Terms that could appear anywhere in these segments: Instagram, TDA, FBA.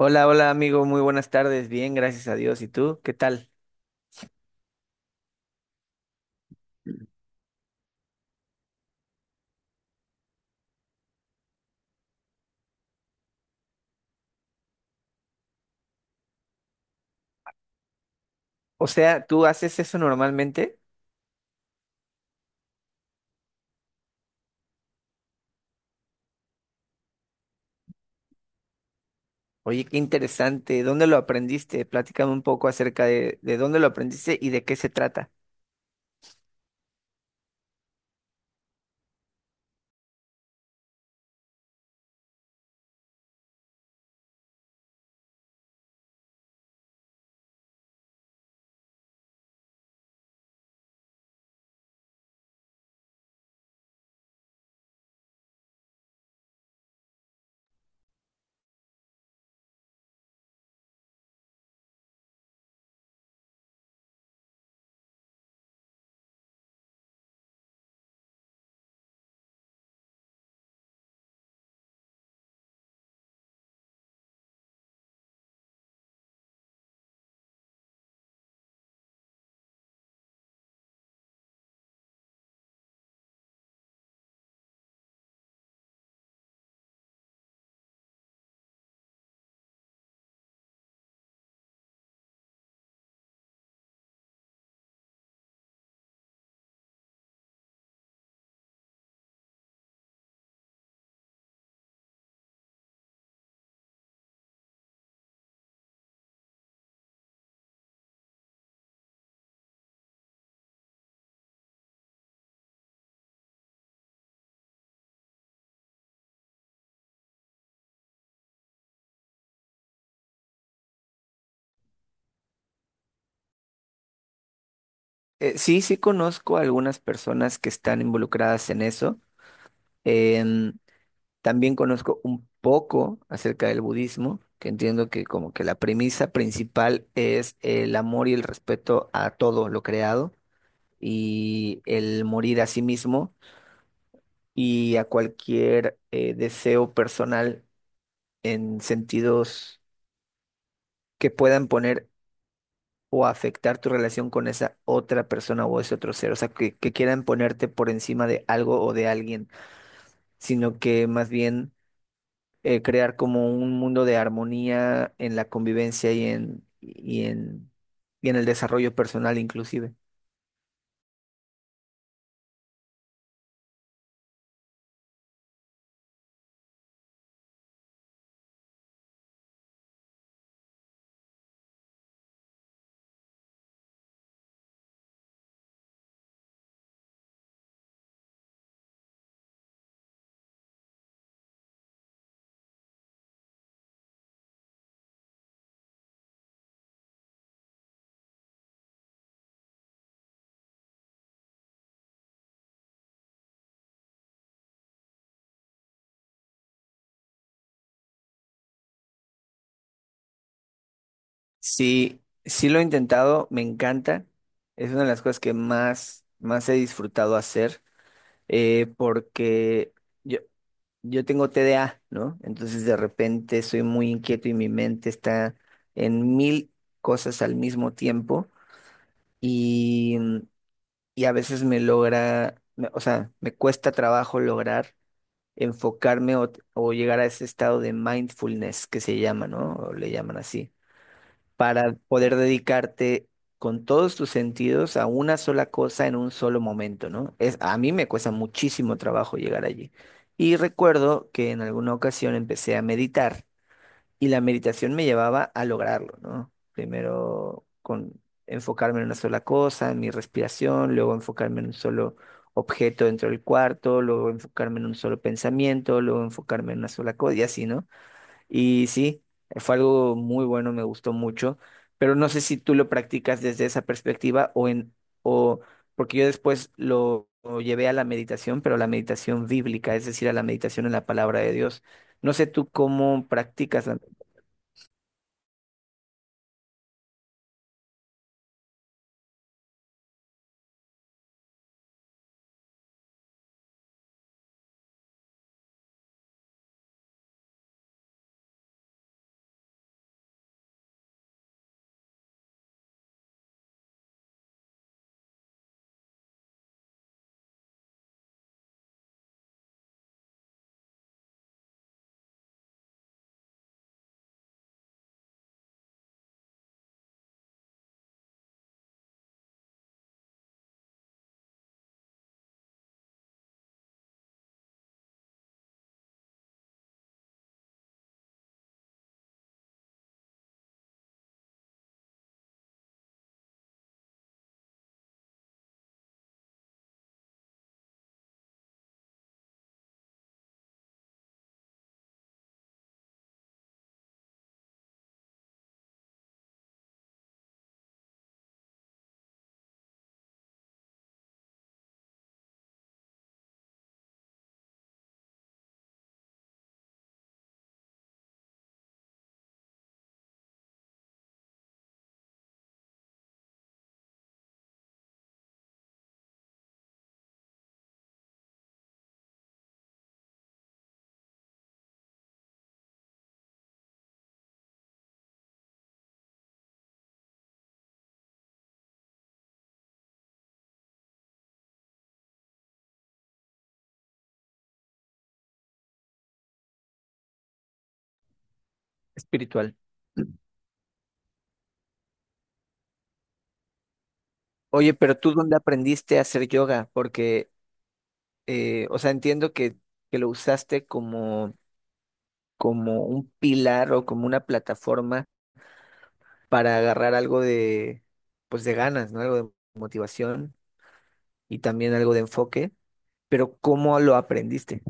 Hola, hola amigo, muy buenas tardes, bien, gracias a Dios. ¿Y tú? ¿Qué tal? O sea, ¿tú haces eso normalmente? Oye, qué interesante. ¿Dónde lo aprendiste? Platícame un poco acerca de dónde lo aprendiste y de qué se trata. Sí, conozco a algunas personas que están involucradas en eso. Em, También conozco un poco acerca del budismo, que entiendo que como que la premisa principal es el amor y el respeto a todo lo creado y el morir a sí mismo y a cualquier deseo personal en sentidos que puedan poner o afectar tu relación con esa otra persona o ese otro ser. O sea, que quieran ponerte por encima de algo o de alguien, sino que más bien crear como un mundo de armonía en la convivencia y en el desarrollo personal inclusive. Sí, sí lo he intentado, me encanta. Es una de las cosas que más, más he disfrutado hacer porque yo, yo tengo TDA, ¿no? Entonces de repente soy muy inquieto y mi mente está en mil cosas al mismo tiempo y, y a veces me cuesta trabajo lograr enfocarme o llegar a ese estado de mindfulness que se llama, ¿no? O le llaman así para poder dedicarte con todos tus sentidos a una sola cosa en un solo momento, ¿no? Es, a mí me cuesta muchísimo trabajo llegar allí. Y recuerdo que en alguna ocasión empecé a meditar y la meditación me llevaba a lograrlo, ¿no? Primero con enfocarme en una sola cosa, en mi respiración, luego enfocarme en un solo objeto dentro del cuarto, luego enfocarme en un solo pensamiento, luego enfocarme en una sola cosa y así, ¿no? Y sí, fue algo muy bueno, me gustó mucho, pero no sé si tú lo practicas desde esa perspectiva o porque yo después lo llevé a la meditación, pero a la meditación bíblica, es decir, a la meditación en la palabra de Dios. No sé tú cómo practicas la espiritual. Oye, pero tú dónde aprendiste a hacer yoga, entiendo que lo usaste como, como un pilar o como una plataforma para agarrar algo de, pues de ganas, ¿no? Algo de motivación y también algo de enfoque, pero ¿cómo lo aprendiste?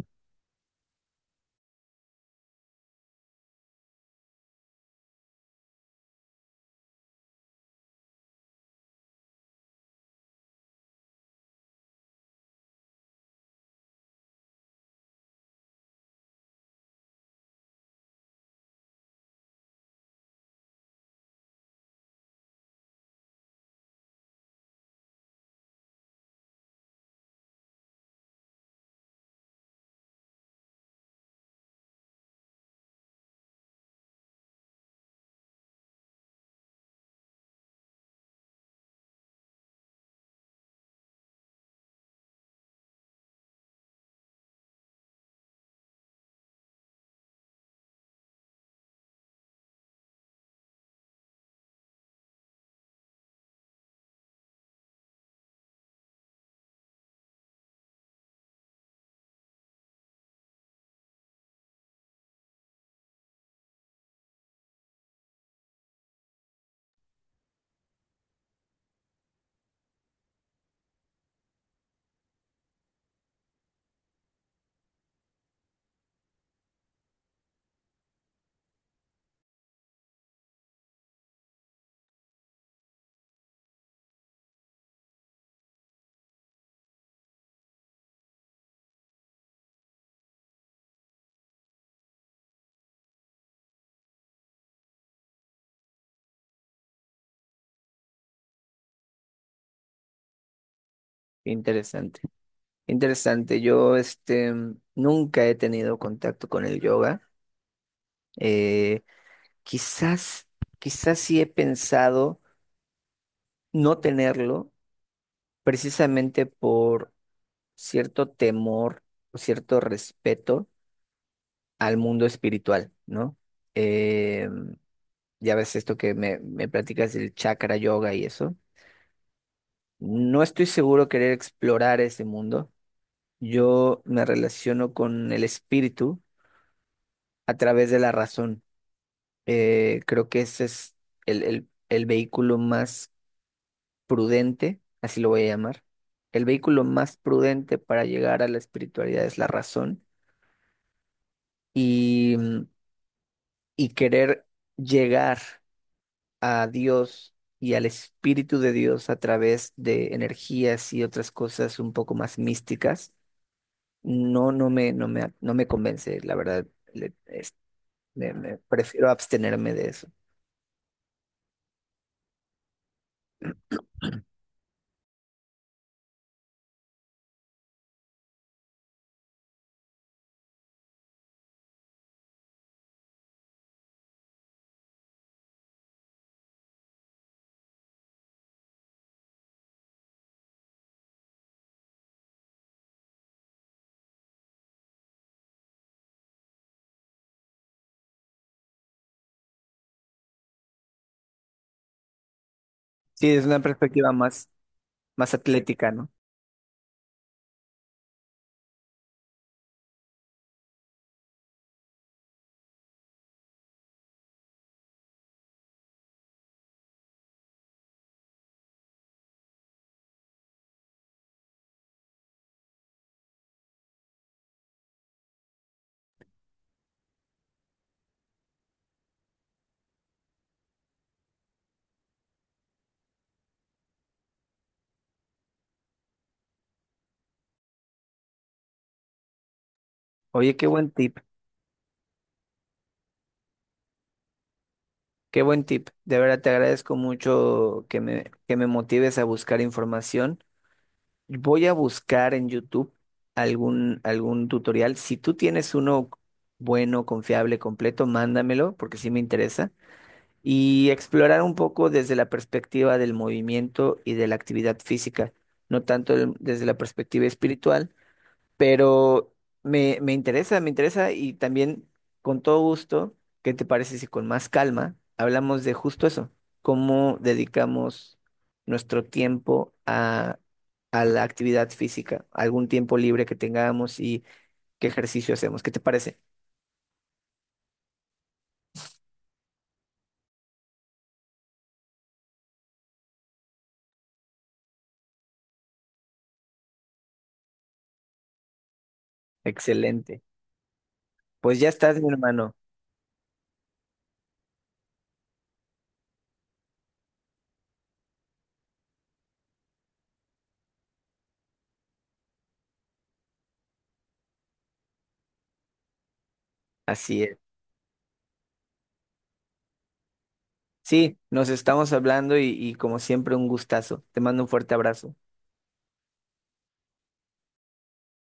Interesante, interesante. Nunca he tenido contacto con el yoga. Eh, quizás, Quizás sí he pensado no tenerlo precisamente por cierto temor o cierto respeto al mundo espiritual, ¿no? Em, ya ves esto que me platicas del chakra yoga y eso. No estoy seguro querer explorar ese mundo. Yo me relaciono con el espíritu a través de la razón. Creo que ese es el vehículo más prudente, así lo voy a llamar. El vehículo más prudente para llegar a la espiritualidad es la razón y, y querer llegar a Dios y al Espíritu de Dios a través de energías y otras cosas un poco más místicas, no me convence, la verdad. le- es- Prefiero abstenerme de eso. Sí, es una perspectiva más, más atlética, ¿no? Oye, qué buen tip, qué buen tip. De verdad te agradezco mucho que que me motives a buscar información. Voy a buscar en YouTube algún tutorial. Si tú tienes uno bueno, confiable, completo, mándamelo porque sí me interesa. Y explorar un poco desde la perspectiva del movimiento y de la actividad física, no tanto desde la perspectiva espiritual. Pero me interesa y también con todo gusto, ¿qué te parece si con más calma hablamos de justo eso? ¿Cómo dedicamos nuestro tiempo a la actividad física? ¿Algún tiempo libre que tengamos y qué ejercicio hacemos? ¿Qué te parece? Excelente. Pues ya estás, mi hermano. Así es. Sí, nos estamos hablando y como siempre un gustazo. Te mando un fuerte abrazo.